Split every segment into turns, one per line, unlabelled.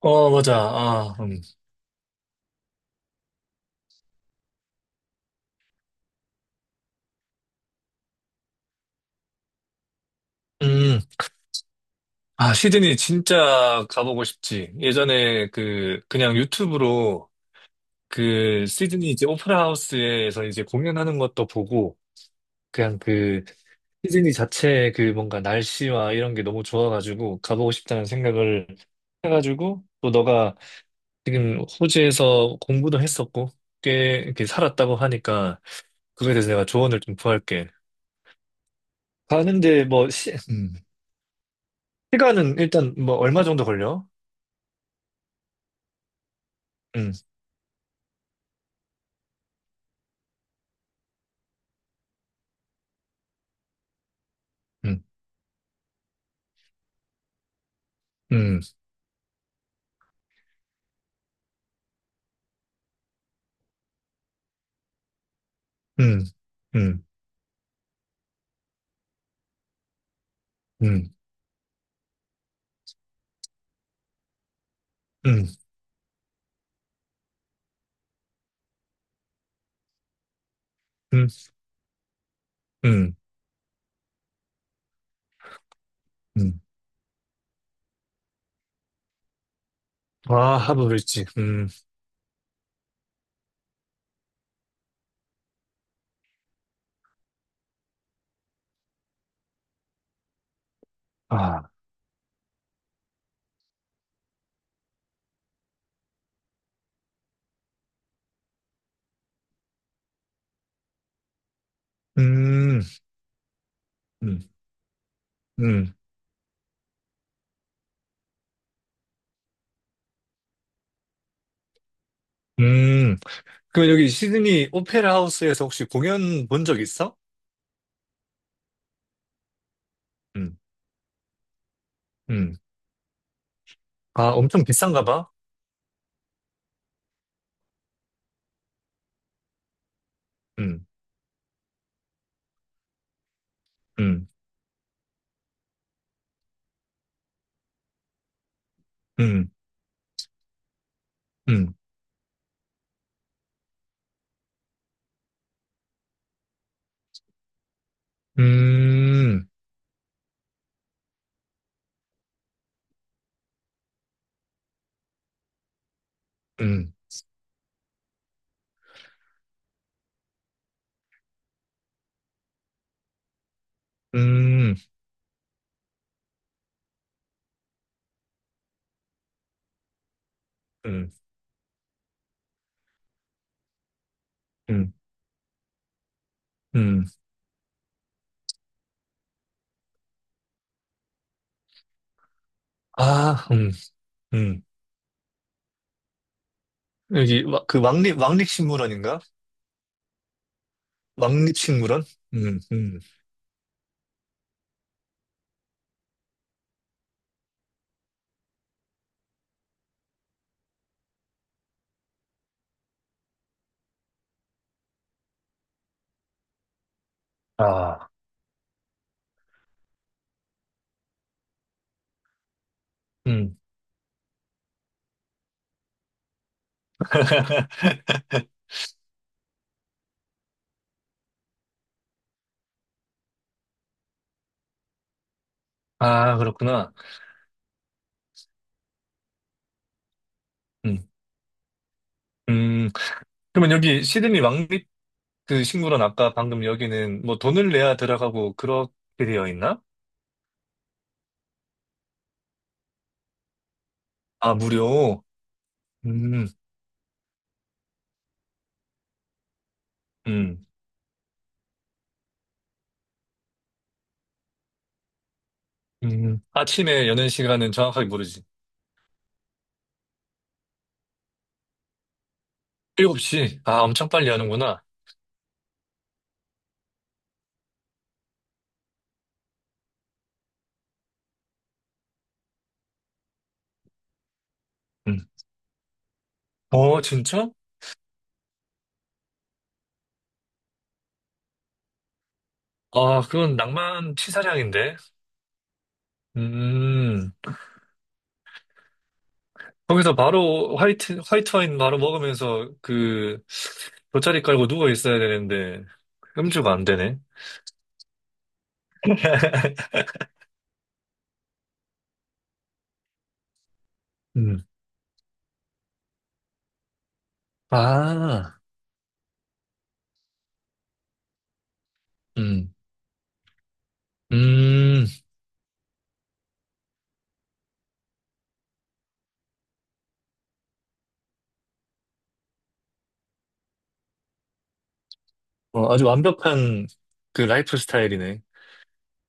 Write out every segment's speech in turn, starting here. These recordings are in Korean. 어, 맞아. 아, 음. 아, 시드니 진짜 가보고 싶지. 예전에 그냥 유튜브로 그 시드니 이제 오페라 하우스에서 이제 공연하는 것도 보고, 그냥 그 시드니 자체의 그 뭔가 날씨와 이런 게 너무 좋아가지고 가보고 싶다는 생각을 해가지고, 또 너가 지금 호주에서 공부도 했었고, 꽤 이렇게 살았다고 하니까, 그거에 대해서 내가 조언을 좀 구할게. 가는데 뭐, 시간은 일단 뭐 얼마 정도 걸려? 음, 음, 음, 음, 음, 음, 음, 음, 음, 음. 아, 하부 빌지. 아, 음, 음, 음, 음. 그럼 여기 시드니 오페라 하우스에서 혹시 공연 본 적 있어? 음, 음. 아, 엄청 비싼가 봐. 음, 음, 음, 음, 음, 음, 음, 음, 음, 음. 아, 음. 그 왕립식물원인가? 왕립식물원? 음, 음. 아, 음. 아, 그렇구나. 음, 음, 그러면 여기 시드니 왕립 그 식물원 아까 방금 여기는 뭐 돈을 내야 들어가고 그렇게 되어 있나? 아, 무료. 음, 음, 아침에 여는 시간은 정확하게 모르지. 7시. 아, 엄청 빨리 하는구나. 음. 어, 진짜? 아, 그건 낭만 치사량인데. 음. 거기서 바로 화이트 와인 바로 먹으면서 그 돗자리 깔고 누워 있어야 되는데 음주가 안 되네. 음. 아, 음, 음, 어, 아주 완벽한 그 라이프 스타일이네.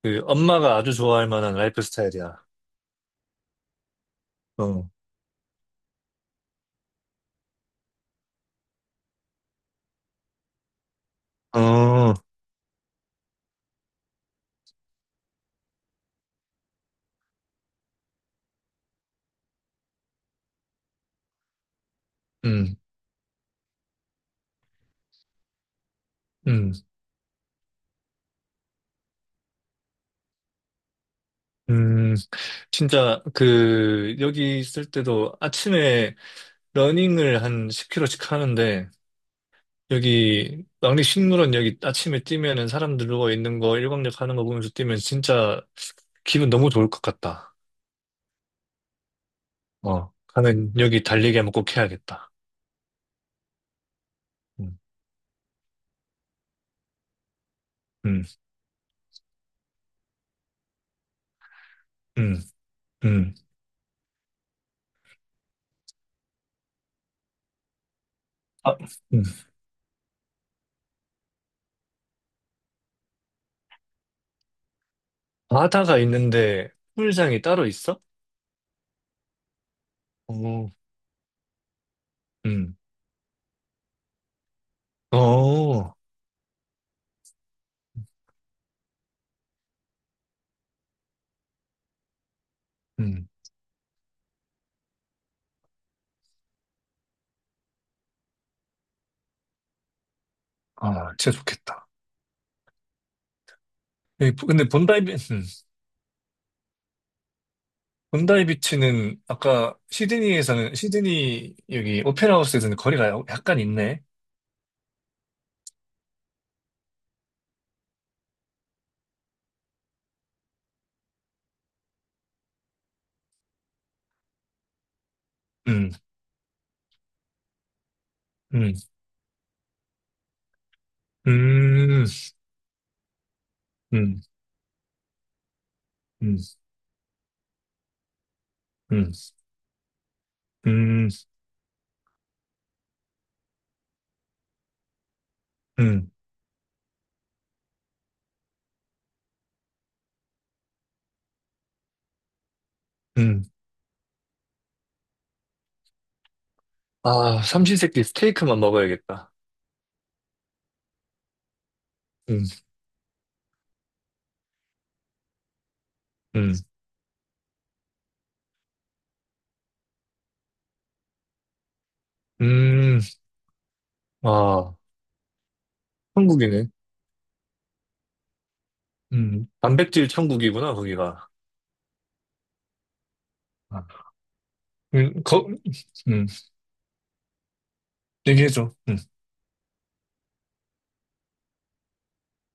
그 엄마가 아주 좋아할 만한 라이프 스타일이야. 어, 어, 음, 음, 음. 진짜 그 여기 있을 때도 아침에 러닝을 한 10km씩 하는데 여기 왕립식물원 여기 아침에 뛰면은 사람들 누워 있는 거 일광욕 하는 거 보면서 뛰면 진짜 기분 너무 좋을 것 같다. 어, 가면 여기 달리기 한번 꼭 해야겠다. 음. 음, 음, 음. 아, 음. 바다가 있는데 풀장이 따로 있어? 오, 음, 어, 음. 아, 진짜 좋겠다. 예, 근데 본다이 비치는 아까 시드니 여기 오페라 하우스에서는 거리가 약간 있네. 음, 음, 음, 음, 음, 음, 음, 음, 음. 아, 삼시세끼 스테이크만 먹어야겠다. 음, 음, 음. 아, 한국이네. 단백질 천국이구나, 거기가. 아, 거, 음, 얘기해줘.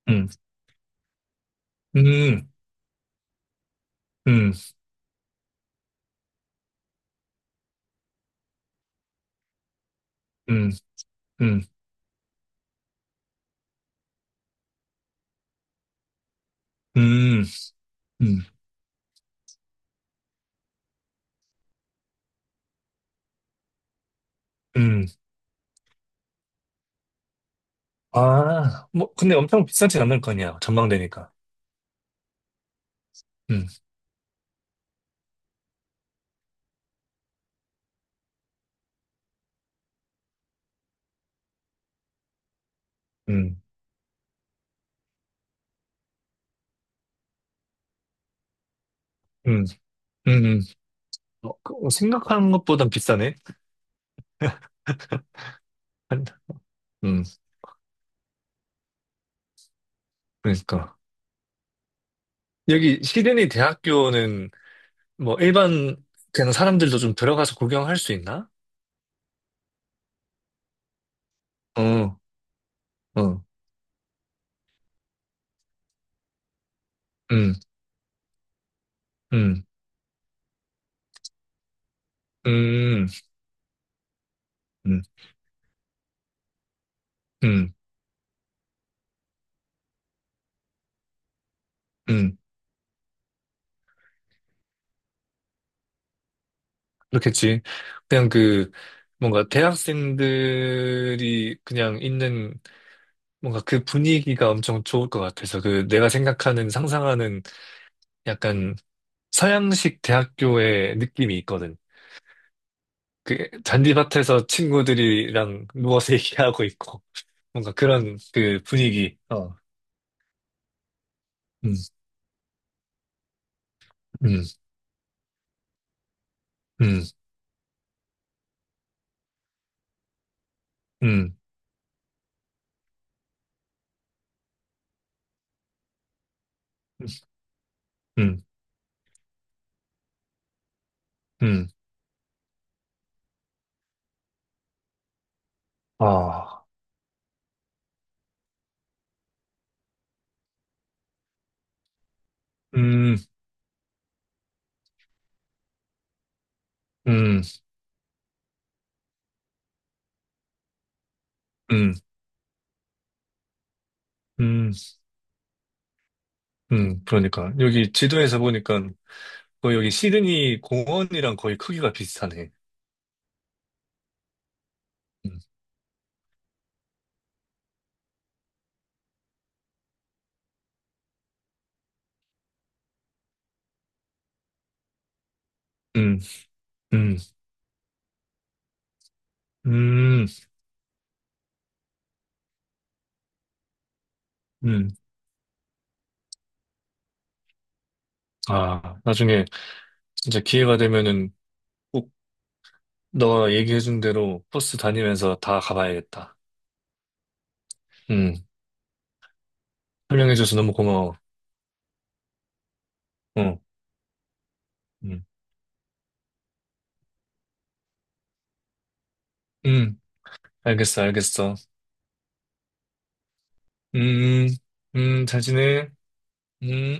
음, 음, 음, 음, 음, 음, 음, 음. 아, 뭐, 근데 엄청 비싸진 않을 거 아니야. 전망대니까. 음, 음, 음, 음, 음. 어, 어, 생각하는 것보단 비싸네. 한- 음, 그러니까. 여기 시드니 대학교는 뭐 일반 그냥 사람들도 좀 들어가서 구경할 수 있나? 어, 어, 음, 음, 음, 음, 음, 음. 그렇겠지. 그냥 그, 뭔가 대학생들이 그냥 있는 뭔가 그 분위기가 엄청 좋을 것 같아서 그 내가 생각하는 상상하는 약간 서양식 대학교의 느낌이 있거든. 그 잔디밭에서 친구들이랑 누워서 얘기하고 있고 뭔가 그런 그 분위기. 어. 음, 음, 음, 음, 음, 음. 음. 아, 음, 음, 음, 음. 그러니까. 여기 지도에서 보니까 거의 여기 시드니 공원이랑 거의 크기가 비슷하네. 음, 음, 음, 음. 음. 아, 나중에 진짜 기회가 되면은 꼭 너가 얘기해준 대로 버스 다니면서 다 가봐야겠다. 음, 설명해줘서 너무 고마워. 어, 음, 음, 알겠어, 알겠어. 음, 음, 잘 지내. 음.